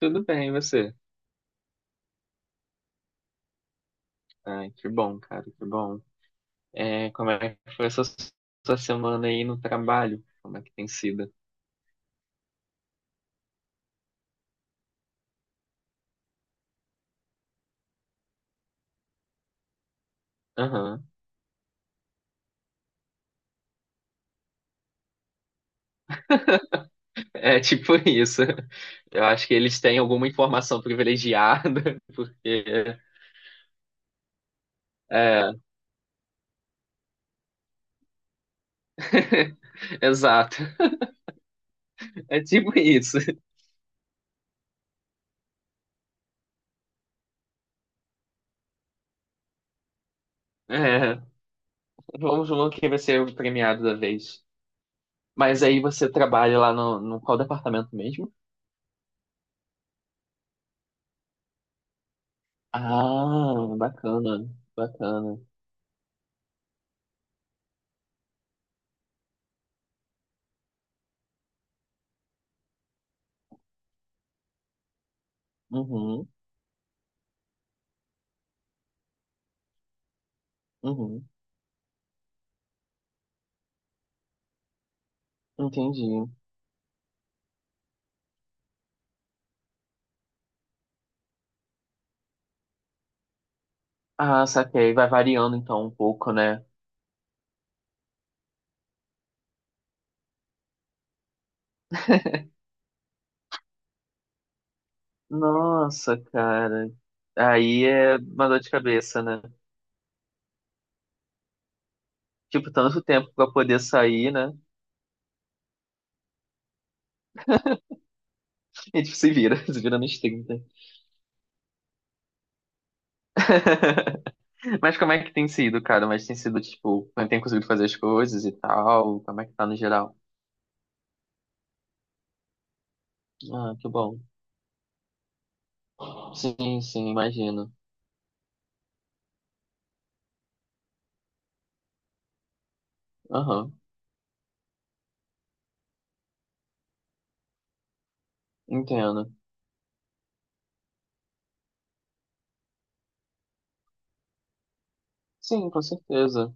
Tudo bem, e você? Ai, que bom, cara, que bom. É, como é que foi essa sua semana aí no trabalho? Como é que tem sido? Aham. É tipo isso. Eu acho que eles têm alguma informação privilegiada, porque. É. Exato. É tipo isso. É. Vamos ver quem vai ser o premiado da vez. Mas aí você trabalha lá no qual departamento mesmo? Ah, bacana, bacana. Uhum, uhum. Entendi. Ah, saquei. Vai variando então um pouco, né? Nossa, cara. Aí é uma dor de cabeça, né? Tipo, tanto tempo pra poder sair, né? E tipo, se vira, se vira nos 30. Mas como é que tem sido, cara? Mas tem sido, tipo, quando tem conseguido fazer as coisas e tal? Como é que tá no geral? Ah, que bom. Sim, sim, imagino. Aham, entendo. Sim, com certeza.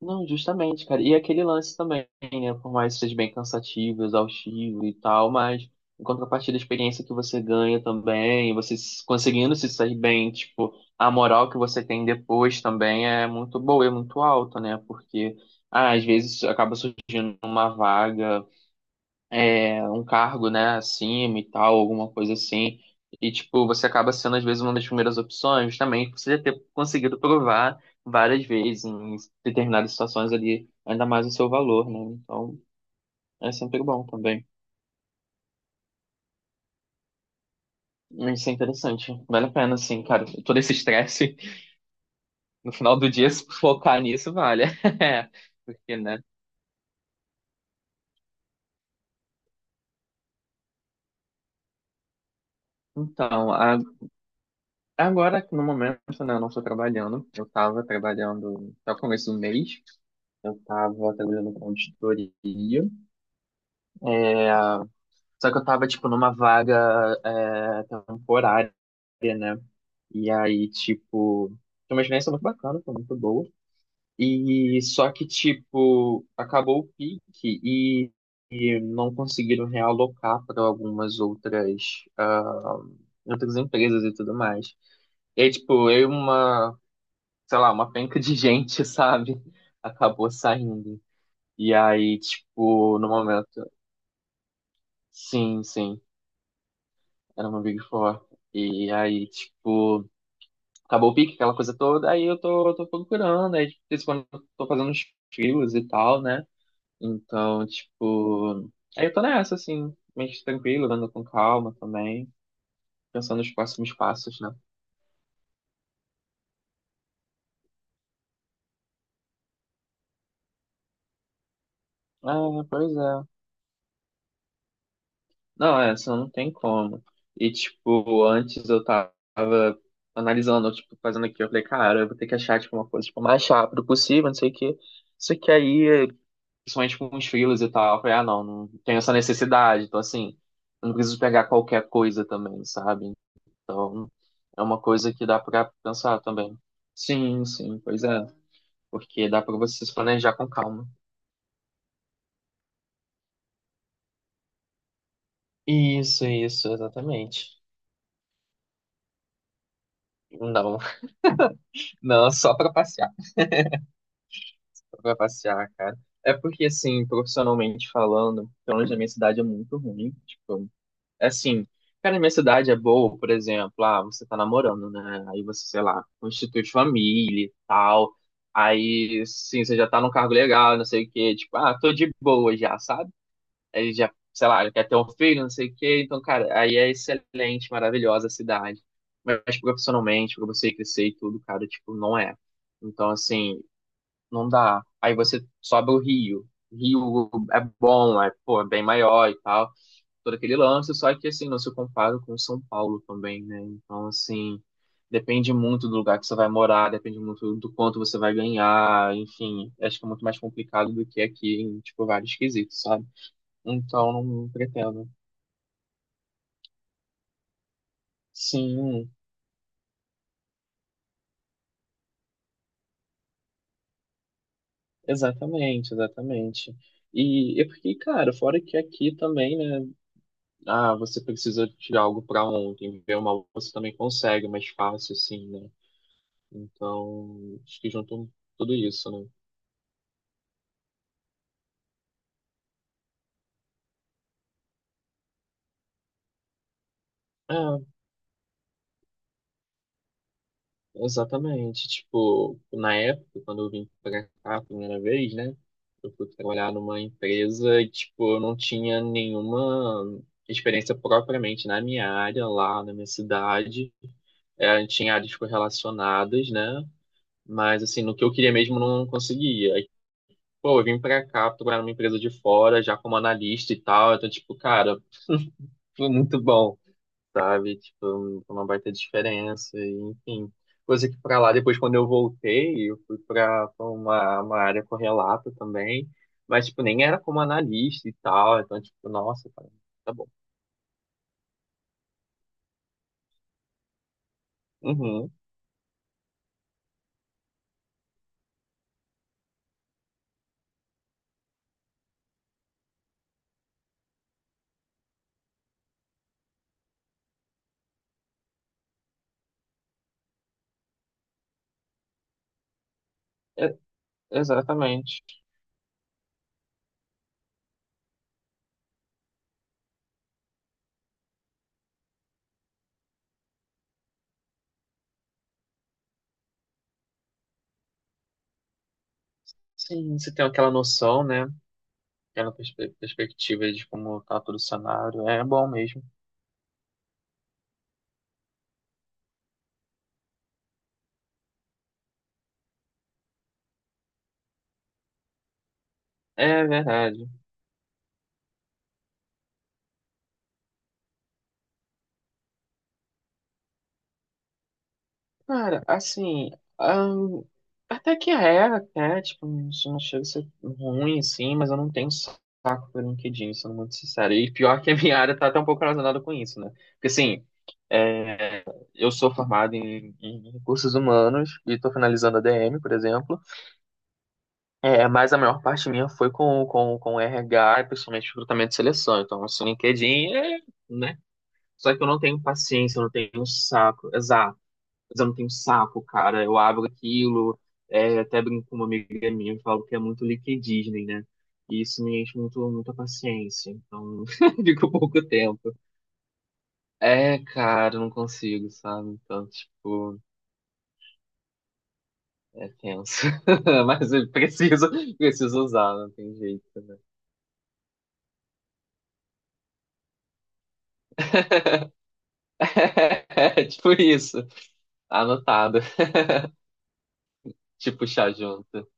Não, justamente, cara. E aquele lance também, né? Por mais que seja bem cansativo, exaustivo e tal, mas em contrapartida, a experiência que você ganha também, você se- conseguindo se sair bem, tipo, a moral que você tem depois também é muito boa, é muito alta, né? Porque ah, às vezes acaba surgindo uma vaga é, um cargo, né, acima e tal, alguma coisa assim. E, tipo, você acaba sendo, às vezes, uma das primeiras opções, também, por você já ter conseguido provar várias vezes em determinadas situações ali, ainda mais o seu valor, né? Então, é sempre bom também. Isso é interessante. Vale a pena, assim, cara. Todo esse estresse, no final do dia, se focar nisso, vale. É, porque, né? Então, a- agora, no momento, né, eu não estou trabalhando. Eu estava trabalhando até o começo do mês. Eu tava trabalhando com auditoria, só que eu tava, tipo, numa vaga é, temporária. E aí, tipo, foi uma experiência muito bacana, foi muito boa. E só que, tipo, acabou o pique e não conseguiram realocar para algumas outras, ah, outras empresas e tudo mais. E aí, tipo, eu e uma, sei lá, uma penca de gente, sabe? Acabou saindo. E aí, tipo, no momento. Sim, sim. Era uma Big Four. E aí, tipo, acabou o pique, aquela coisa toda, aí eu tô procurando, aí de vez em quando eu tô fazendo uns frios e tal, né? Então, tipo, aí eu tô nessa, assim, meio tranquilo, andando com calma também, pensando nos próximos passos, né? É, pois é. Não, é, senão não tem como. E, tipo, antes eu tava analisando, tipo, fazendo aqui, eu falei, cara, eu vou ter que achar, tipo, uma coisa, tipo, mais rápido possível, não sei o quê. Só que aí principalmente com os filhos e tal. Eu falei, ah, não, não tenho essa necessidade. Então, assim, eu não preciso pegar qualquer coisa também, sabe? Então, é uma coisa que dá pra pensar também. Sim, sim, pois é. Porque dá pra você se planejar com calma. Isso, exatamente. Não, não, só pra passear, cara. É porque, assim, profissionalmente falando, pelo menos na minha cidade é muito ruim. Tipo, assim, cara, minha cidade é boa, por exemplo, ah, você tá namorando, né? Aí você, sei lá, constitui família e tal. Aí, sim, você já tá num cargo legal, não sei o quê. Tipo, ah, tô de boa já, sabe? Aí já, sei lá, quer ter um filho, não sei o quê. Então, cara, aí é excelente, maravilhosa a cidade. Mas tipo, profissionalmente, pra você crescer e tudo, cara, tipo, não é. Então, assim, não dá. Aí você sobe o Rio. Rio é bom, é, pô, é bem maior e tal todo aquele lance, só que assim, não se compara com o São Paulo também, né? Então, assim, depende muito do lugar que você vai morar, depende muito do quanto você vai ganhar, enfim, acho que é muito mais complicado do que aqui em, tipo, vários quesitos, sabe? Então, não pretendo. Sim, exatamente, exatamente. E é porque, cara, fora que aqui também, né? Ah, você precisa tirar algo pra ontem, ver uma você também consegue é mais fácil, assim, né? Então, acho que juntou tudo isso, né? É, exatamente. Tipo, na época, quando eu vim pra cá a primeira vez, né? Eu fui trabalhar numa empresa e, tipo, eu não tinha nenhuma experiência propriamente na minha área, lá na minha cidade. É, tinha áreas correlacionadas, né? Mas, assim, no que eu queria mesmo, eu não conseguia. Aí, pô, eu vim pra cá trabalhar numa empresa de fora, já como analista e tal. Então, tipo, cara, foi muito bom sabe? Tipo, foi uma baita diferença, e, enfim. Coisa que pra lá, depois quando eu voltei, eu fui pra uma área correlata também, mas, tipo, nem era como analista e tal, então, tipo, nossa, cara, tá bom. Uhum, é- exatamente. Sim, você tem aquela noção, né? Aquela perspe- perspectiva de como tá todo o cenário, é bom mesmo. É verdade. Cara, assim, ahn, até que é, até, tipo, não chega a ser ruim, assim, mas eu não tenho saco pelo LinkedIn, sendo muito sincero. E pior que a minha área tá até um pouco relacionada com isso, né? Porque, assim, é, eu sou formado em recursos humanos e tô finalizando a DM, por exemplo, é, mas a maior parte minha foi com RH, principalmente recrutamento e seleção. Então, assim, LinkedIn é, né? Só que eu não tenho paciência, eu não tenho saco mas eu não tenho saco, cara. Eu abro aquilo, é, até brinco com uma amiga minha e falo que é muito Lick Disney, né? E isso me enche muito, muita paciência, então fico pouco tempo. É, cara, eu não consigo, sabe? Então, tipo, é tenso. Mas eu preciso, preciso usar, não tem jeito, né? É, tipo isso. Anotado. Tipo, chá junto.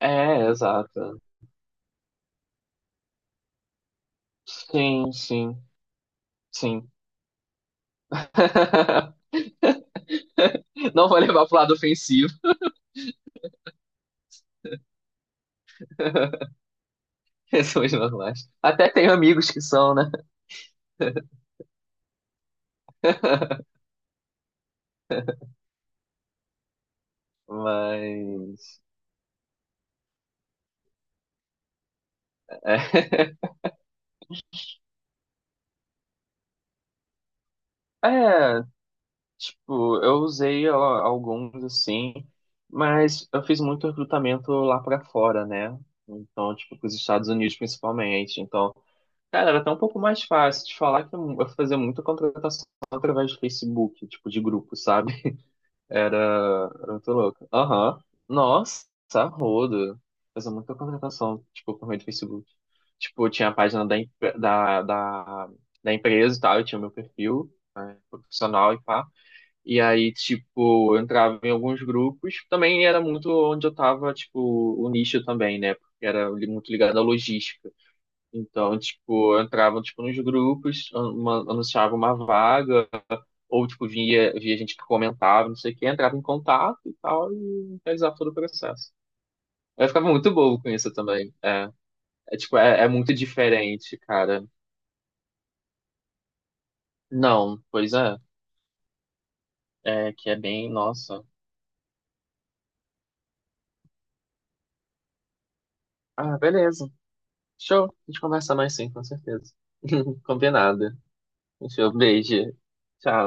É, exato. Sim, sim, sim. Não vou levar pro lado ofensivo. Pessoas normais. Até tenho amigos que são, né? Mas. É, é, tipo, eu usei ó, alguns assim, mas eu fiz muito recrutamento lá pra fora, né? Então, tipo, pros Estados Unidos principalmente. Então, cara, era até um pouco mais fácil de falar que eu fazia muita contratação através do Facebook, tipo, de grupo, sabe? Era muito louco. Aham. Nossa, rodo. Fazia muita contratação, tipo, por meio do Facebook. Tipo, tinha a página da, em- da, da, da empresa e tal, eu tinha o meu perfil, né, profissional e pá. E aí, tipo, eu entrava em alguns grupos. Também era muito onde eu tava, tipo, o nicho também, né? Porque era li- muito ligado à logística. Então, tipo, eu entrava, tipo, nos grupos, an- uma- anunciava uma vaga, ou tipo via, via gente que comentava, não sei o quê, entrava em contato e tal, e realizava todo o processo. Eu ficava muito bobo com isso também. É, é tipo, é, é muito diferente, cara. Não, pois é. É que é bem, nossa. Ah, beleza. Show. A gente conversa mais sim, com certeza. Combinado. Show, beijo. Tchau.